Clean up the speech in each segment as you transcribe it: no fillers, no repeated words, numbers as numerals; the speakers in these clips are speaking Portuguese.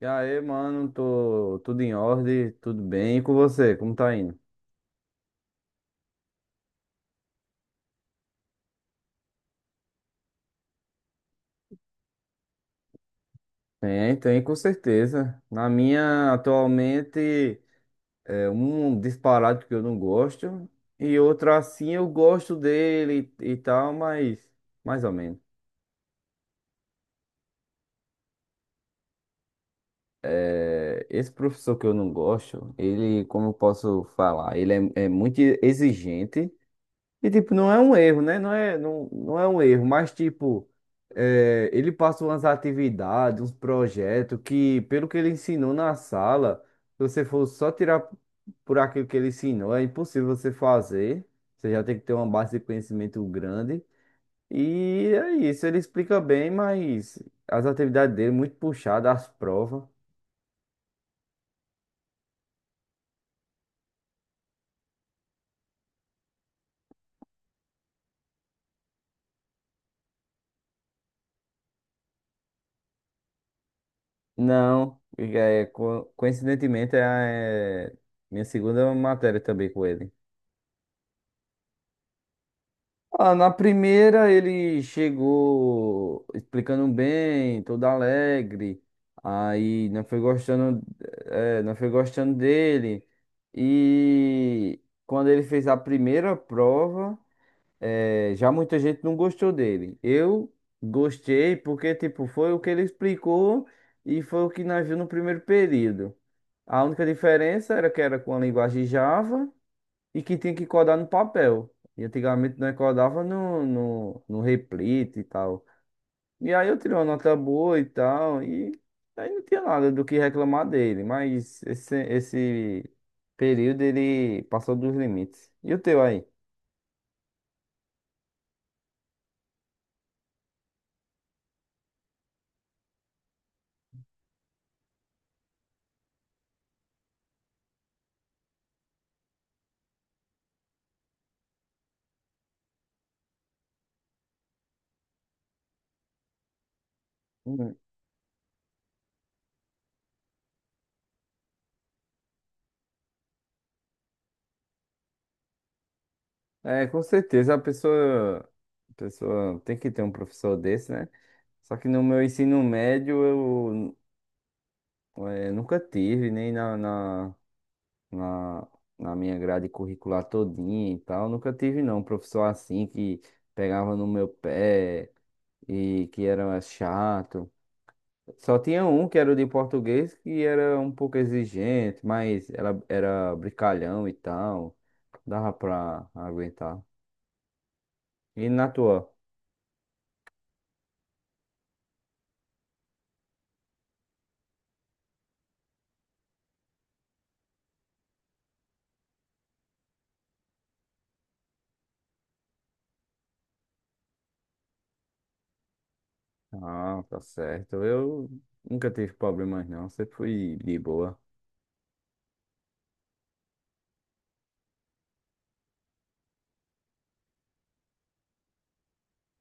E aí, mano, tô tudo em ordem, tudo bem. E com você, como tá indo? Tem, tem, com certeza. Na minha, atualmente, é um disparado que eu não gosto, e outra assim eu gosto dele e tal, mas mais ou menos. É, esse professor que eu não gosto, ele, como eu posso falar, ele é muito exigente. E, tipo, não é um erro, né? Não é, não, não é um erro, mas, tipo, ele passa umas atividades, uns projetos que, pelo que ele ensinou na sala, se você for só tirar por aquilo que ele ensinou, é impossível você fazer. Você já tem que ter uma base de conhecimento grande. E é isso, ele explica bem, mas as atividades dele, muito puxadas, as provas. Não, é, coincidentemente, é minha segunda matéria também com ele. Ah, na primeira ele chegou explicando bem, todo alegre. Aí não foi gostando, é, não foi gostando dele. E quando ele fez a primeira prova, é, já muita gente não gostou dele. Eu gostei porque tipo foi o que ele explicou e foi o que nós viu no primeiro período. A única diferença era que era com a linguagem Java e que tinha que codar no papel. E antigamente nós codava no replito e tal. E aí eu tirei uma nota boa e tal, e aí não tinha nada do que reclamar dele, mas esse período ele passou dos limites. E o teu aí? Uhum. É, com certeza a pessoa tem que ter um professor desse, né? Só que no meu ensino médio eu, nunca tive, nem na, na minha grade curricular todinha e tal. Nunca tive, não, um professor assim que pegava no meu pé e que era chato. Só tinha um que era o de português que era um pouco exigente, mas era brincalhão e tal. Dava pra aguentar. E na tua? Ah, tá certo. Eu nunca tive problemas, não. Sempre fui de boa.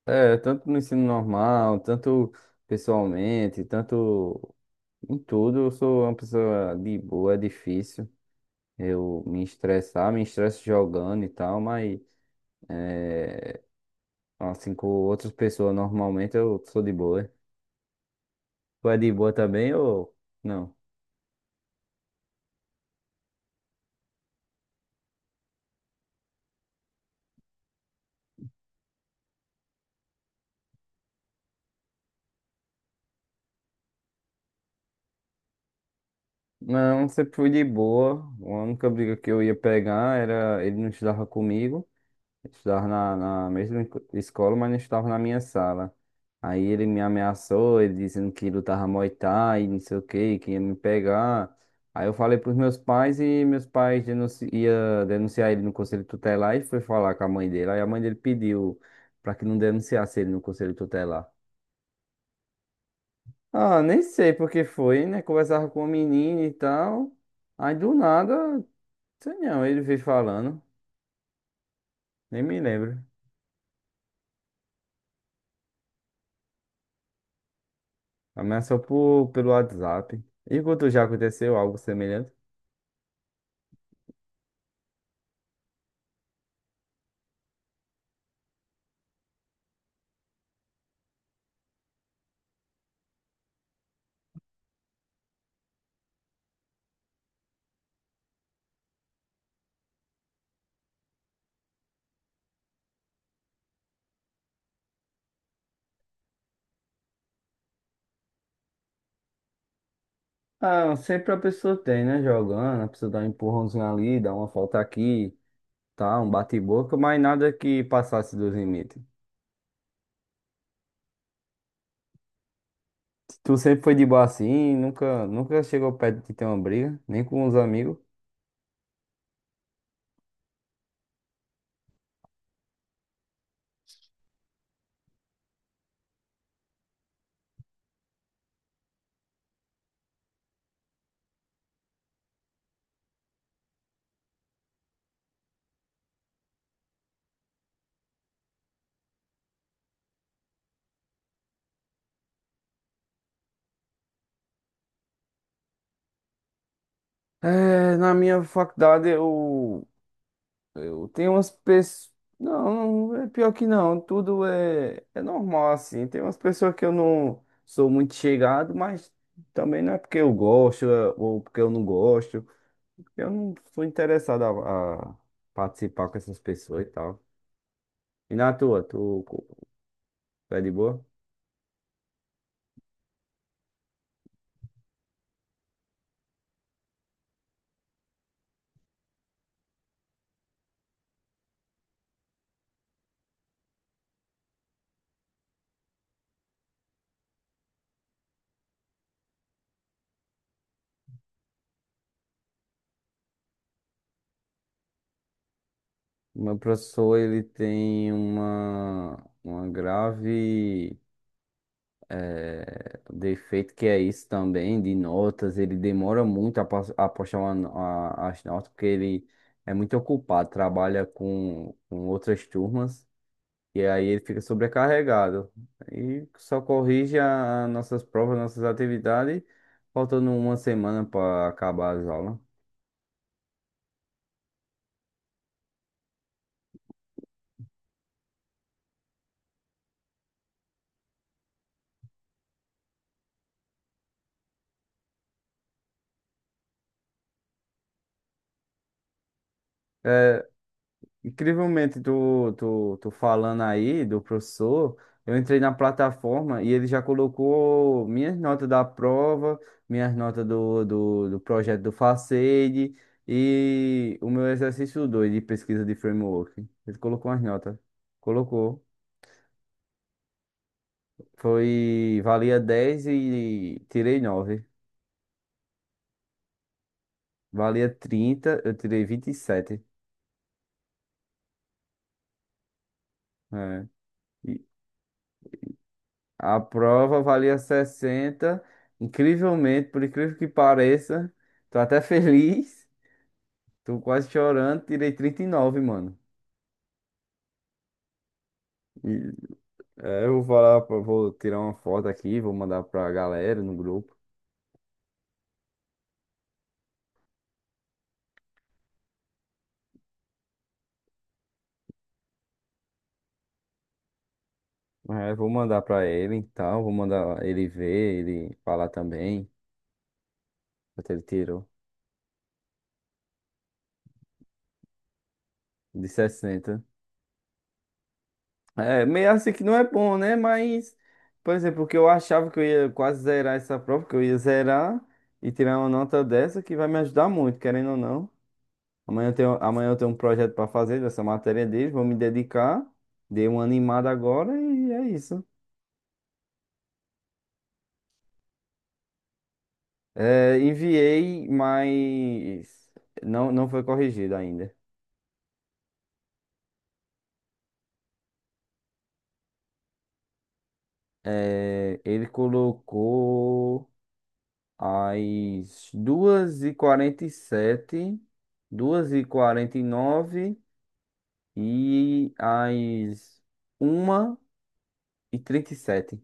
É, tanto no ensino normal, tanto pessoalmente, tanto em tudo, eu sou uma pessoa de boa, é difícil eu me estressar, me estresso jogando e tal, mas é, assim com outras pessoas normalmente eu sou de boa. Tu é de boa também ou não? Não, sempre fui de boa. A única briga que eu ia pegar era ele não estudava comigo. Estudava na mesma escola, mas não estudava na minha sala. Aí ele me ameaçou, ele dizendo que lutava Muay Thai, não sei o que, que ia me pegar. Aí eu falei pros meus pais e meus pais denunci ia denunciar ele no conselho tutelar e foi falar com a mãe dele. Aí a mãe dele pediu pra que não denunciasse ele no conselho tutelar. Ah, nem sei por que foi, né? Conversava com a menina e tal. Aí do nada, sei não, ele veio falando, nem me lembro. Ameaçou pelo WhatsApp. E quando já aconteceu algo semelhante? Ah, sempre a pessoa tem, né? Jogando, a pessoa dá um empurrãozinho ali, dá uma falta aqui, tá? Um bate-boca, mas nada que passasse dos limites. Tu sempre foi de boa assim, nunca chegou perto de ter uma briga, nem com os amigos. É, na minha faculdade Eu tenho umas pessoas. Não, não, é pior que não. Tudo é normal assim. Tem umas pessoas que eu não sou muito chegado, mas também não é porque eu gosto é, ou porque eu não gosto. Eu não sou interessado a participar com essas pessoas e tal. E na tua, tu é de boa? Meu professor, ele tem uma grave. É, o defeito que é isso também de notas, ele demora muito a postar as notas, porque ele é muito ocupado, trabalha com outras turmas, e aí ele fica sobrecarregado. E só corrige as nossas provas, nossas atividades, faltando uma semana para acabar as aulas. Incrivelmente, tu falando aí do professor, eu entrei na plataforma e ele já colocou minhas notas da prova, minhas notas do projeto do Facede e o meu exercício 2 de pesquisa de framework. Ele colocou as notas. Colocou. Foi, valia 10 e tirei nove. Valia 30 eu tirei 27. É. A prova valia 60. Incrivelmente, por incrível que pareça, tô até feliz. Tô quase chorando. Tirei 39, mano. E, é, eu vou falar, vou tirar uma foto aqui, vou mandar pra galera no grupo. É, vou mandar pra ele e tal. Vou mandar ele ver, ele falar também. Quanto ele tirou de 60. É, meio assim que não é bom, né? Mas, por exemplo, o que eu achava que eu ia quase zerar essa prova, que eu ia zerar e tirar uma nota dessa que vai me ajudar muito, querendo ou não. Amanhã eu tenho um projeto para fazer dessa matéria deles, vou me dedicar, dei uma animada agora e é isso. É, enviei, mas não, não foi corrigido ainda. É, ele colocou às 2h47. 2 h nove e às 1h37.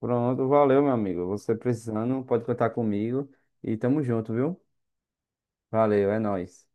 Pronto, valeu, meu amigo. Você precisando, pode contar comigo. E tamo junto, viu? Valeu, é nóis.